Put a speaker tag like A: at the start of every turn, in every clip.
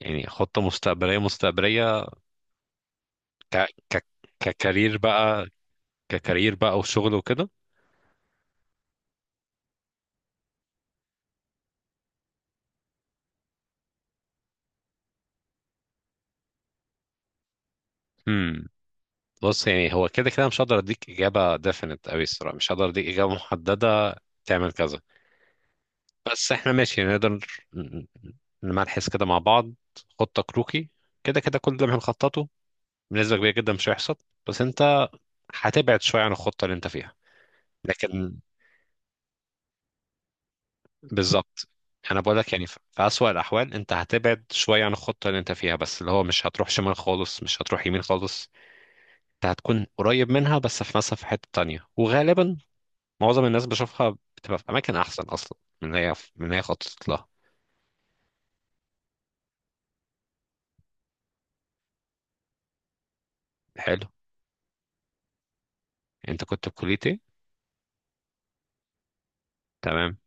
A: يعني خطة مستقبلية. ك ك ككارير بقى ككارير بقى وشغل وكده. امم. بص، يعني هو كده كده مش هقدر اديك اجابة definite قوي الصراحة، مش هقدر اديك اجابة محددة تعمل كذا. بس احنا ماشي، يعني نقدر ن- نمرحز كده مع بعض. خطة كروكي. كده كده كل اللي بنخططه بنسبة كبيرة جدا مش هيحصل، بس انت هتبعد شوية عن الخطة اللي انت فيها. لكن بالظبط، انا بقول لك يعني في اسوأ الاحوال انت هتبعد شويه عن الخطه اللي انت فيها، بس اللي هو مش هتروح شمال خالص، مش هتروح يمين خالص. انت هتكون قريب منها بس في مثلا في حته تانية، وغالبا معظم الناس بشوفها بتبقى في اماكن احسن اصلا من اللي هي خططت لها. حلو. انت كنت في كليه ايه؟ تمام.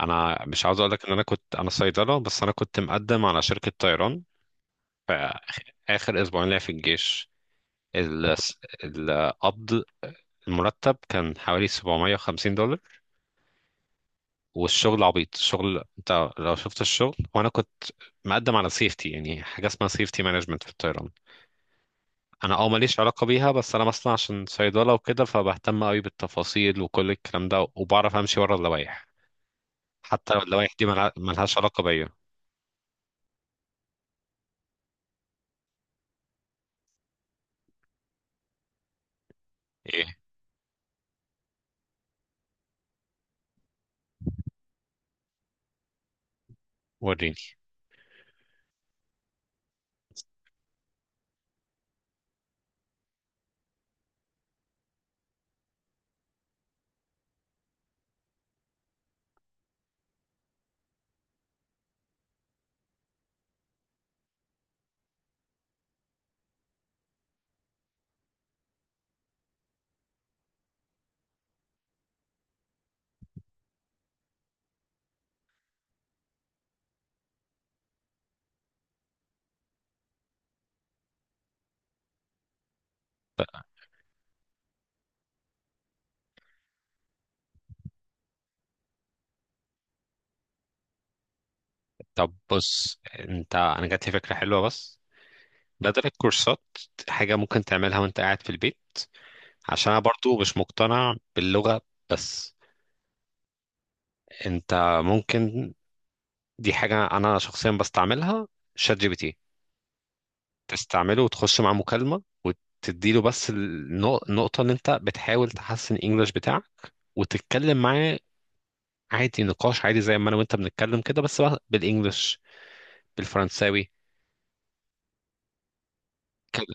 A: انا مش عاوز اقول لك ان انا كنت صيدله، بس انا كنت مقدم على شركه طيران في اخر اسبوعين ليا في الجيش. ال- القبض، المرتب كان حوالي $750. والشغل عبيط، الشغل انت لو شفت الشغل، وانا كنت مقدم على سيفتي، يعني حاجه اسمها سيفتي مانجمنت في الطيران. انا ماليش علاقه بيها، بس انا مثلا عشان صيدله وكده فبهتم قوي بالتفاصيل وكل الكلام ده، وبعرف امشي ورا اللوائح حتى لو اللوائح دي ملهاش علاقه بيا. ايه؟ وريني. طب بص انت، انا جات لي فكره حلوه. بس بدل الكورسات، حاجه ممكن تعملها وانت قاعد في البيت، عشان انا برضو مش مقتنع باللغه. بس انت ممكن، دي حاجة أنا شخصيا بستعملها: شات جي بي تي. تستعمله وتخش مع مكالمة وتديله، بس النقطة إن أنت بتحاول تحسن الإنجليش بتاعك وتتكلم معاه، عادي نقاش عادي زي ما أنا وأنت بنتكلم كده، بس بقى بالإنجليش، بالفرنساوي كده.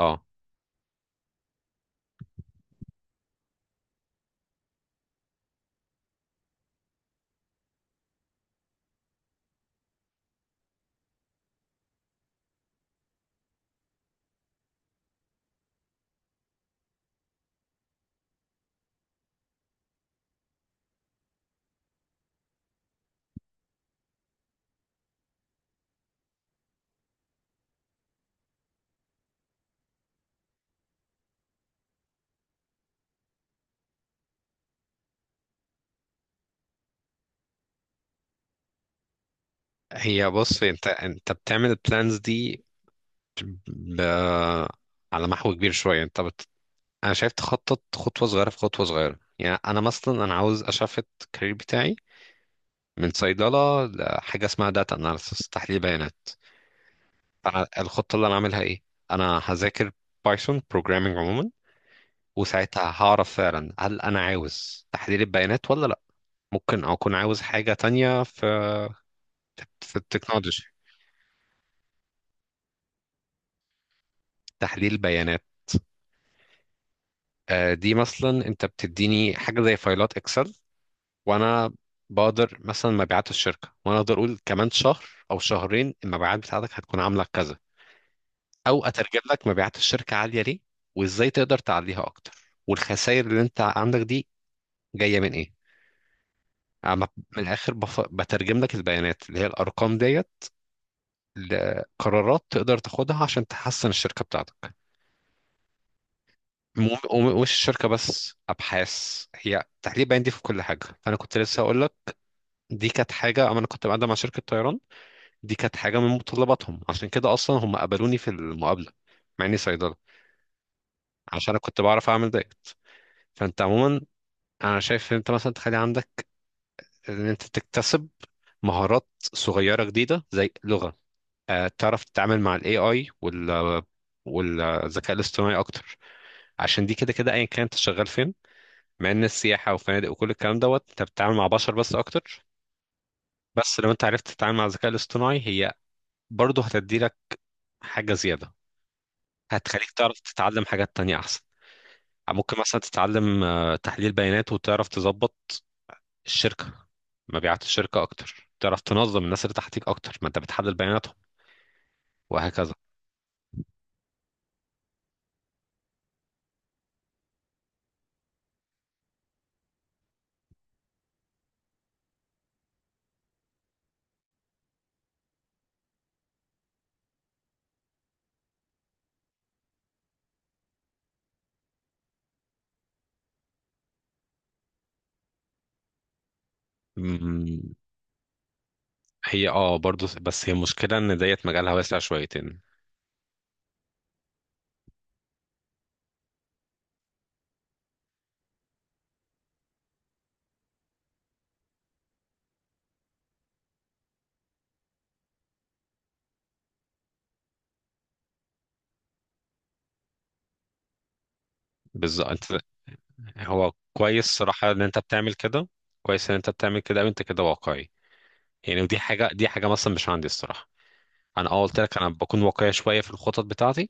A: أه. هي بص أنت بتعمل البلانز دي ب... على محو كبير شوية، أنت أنا شايف تخطط خطوة صغيرة في خطوة صغيرة. يعني أنا مثلا أنا عاوز أشفت الكارير بتاعي من صيدلة لحاجة اسمها داتا اناليسس، تحليل بيانات. فأنا الخطة اللي أنا عاملها إيه؟ أنا هذاكر بايثون بروجرامينج عموما، وساعتها هعرف فعلا هل أنا عاوز تحليل البيانات ولا لأ. ممكن أكون عاوز حاجة تانية في التكنولوجي. تحليل بيانات، دي مثلا أنت بتديني حاجة زي فايلات إكسل، وأنا بقدر مثلا مبيعات الشركة، وأنا أقدر أقول كمان شهر أو شهرين المبيعات بتاعتك هتكون عاملة كذا، او اترجم لك مبيعات الشركه عاليه ليه، وازاي تقدر تعليها اكتر، والخسائر اللي انت عندك دي جايه من ايه. أنا ب- من الاخر بترجم لك البيانات اللي هي الارقام ديت، لقرارات تقدر تاخدها عشان تحسن الشركه بتاعتك. مش الشركه بس، ابحاث، هي تحليل بيان دي في كل حاجه. فانا كنت لسه اقول لك، دي كانت حاجه اما انا كنت بقدم مع شركه طيران، دي كانت حاجه من متطلباتهم، عشان كده اصلا هم قبلوني في المقابله مع اني صيدله، عشان انا كنت بعرف اعمل دايت. فانت عموما، انا شايف ان انت مثلا تخلي عندك ان انت تكتسب مهارات صغيره جديده زي لغه. تعرف تتعامل مع الاي اي والذكاء الاصطناعي اكتر، عشان دي كده كده ايا كان انت شغال فين. مع ان السياحه وفنادق وكل الكلام دوت انت بتتعامل مع بشر بس اكتر، بس لو انت عرفت تتعامل مع الذكاء الاصطناعي، هي برضه هتدي لك حاجه زياده، هتخليك تعرف تتعلم حاجات تانية احسن. ممكن مثلا تتعلم تحليل بيانات وتعرف تظبط الشركة، مبيعات الشركة أكتر، تعرف تنظم الناس اللي تحتيك أكتر، ما أنت بتحدد بياناتهم، وهكذا. مم، هي برضو، بس هي المشكلة إن ديت مجالها واسع شويتين. بالظبط. هو كويس صراحة إن أنت بتعمل كده، كويس إن أنت بتعمل كده وأنت كده واقعي، يعني ودي حاجة، دي حاجة مثلا مش عندي الصراحة. أنا قلت لك أنا بكون واقعي شوية في الخطط بتاعتي،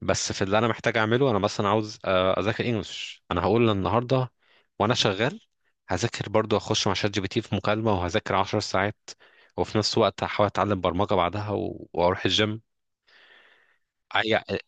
A: بس في اللي انا محتاج اعمله. انا مثلا عاوز اذاكر انجلش، انا هقول النهارده وانا شغال هذاكر، برضو اخش مع شات جي بي تي في مكالمه وهذاكر 10 ساعات، وفي نفس الوقت هحاول اتعلم برمجه بعدها واروح الجيم. أي- آه،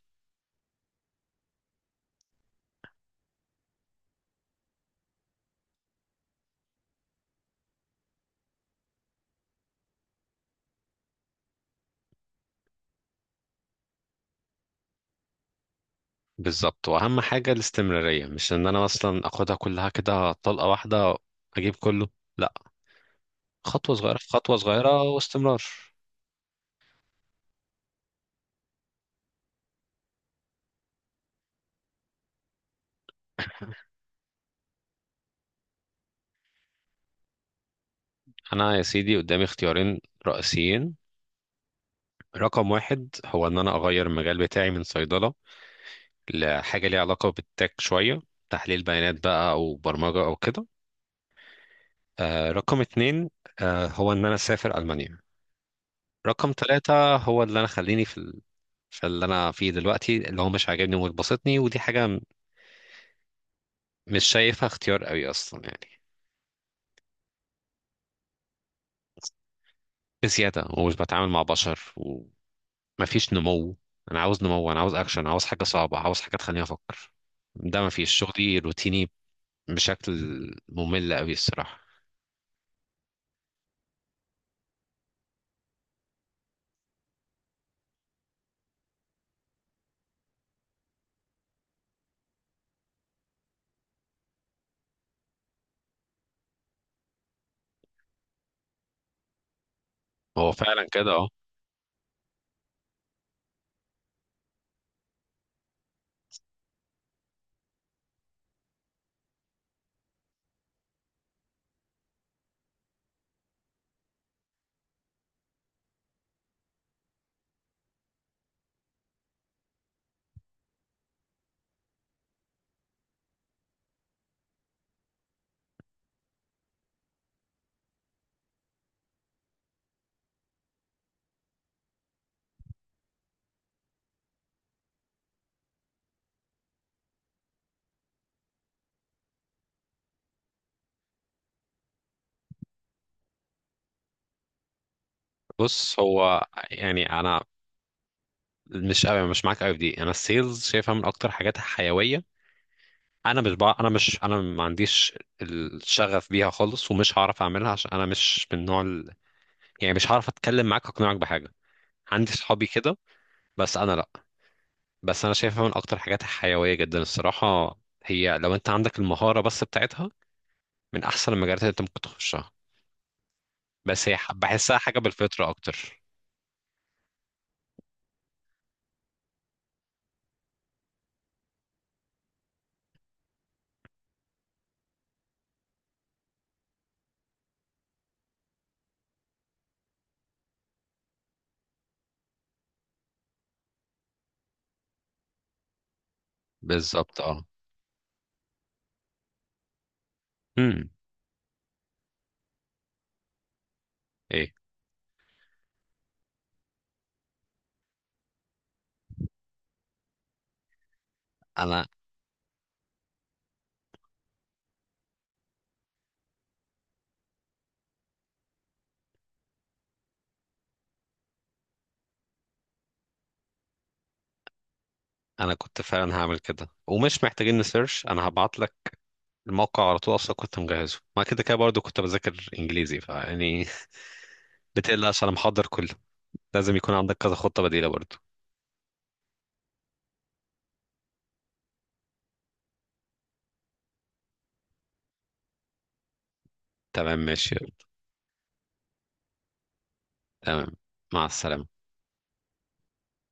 A: بالظبط. واهم حاجه الاستمراريه، مش ان انا مثلا اخدها كلها كده طلقه واحده، اجيب كله، لا. خطوه صغيره في خطوه صغيره واستمرار. انا يا سيدي قدامي اختيارين رئيسيين. رقم واحد هو ان انا اغير المجال بتاعي من صيدله لحاجة ليها علاقة بالتك شوية، تحليل بيانات بقى أو برمجة أو كده. رقم اتنين، هو إن أنا أسافر ألمانيا. رقم تلاتة هو اللي أنا خليني في اللي أنا فيه دلوقتي، اللي هو مش عاجبني ومش باسطني، ودي حاجة مش شايفها اختيار قوي أصلا يعني. بزيادة، ومش بتعامل مع بشر، ومفيش نمو. أنا عاوز نمو، أنا عاوز أكشن، عاوز حاجة صعبة، عاوز حاجة تخليني أفكر. ده مفيش، شغلي روتيني بشكل ممل قوي الصراحة. هو فعلا كده. آه. بص هو يعني انا مش قوي، مش معاك قوي في دي، انا السيلز شايفها من اكتر حاجات حيويه. انا مش، بقى انا مش، انا ما عنديش الشغف بيها خالص، ومش هعرف اعملها عشان انا مش من نوع يعني مش هعرف اتكلم معاك اقنعك بحاجه، عندي صحابي كده. بس انا لا، بس انا شايفها من اكتر حاجات حيويه جدا الصراحه، هي لو انت عندك المهاره بس بتاعتها من احسن المجالات اللي انت ممكن تخشها. بس هي بحسها حاجه بالفطره اكتر. بالظبط. اه. امم. ايه. انا انا كنت فعلا هعمل كده، ومش محتاجين نسيرش، انا هبعت لك الموقع على طول، اصلا كنت مجهزه، ما كده كده برضو كنت بذاكر انجليزي، فيعني بتقلقش، انا محضر كله. لازم يكون عندك كذا خطة بديلة برضو. تمام، ماشي. تمام. مع السلامة.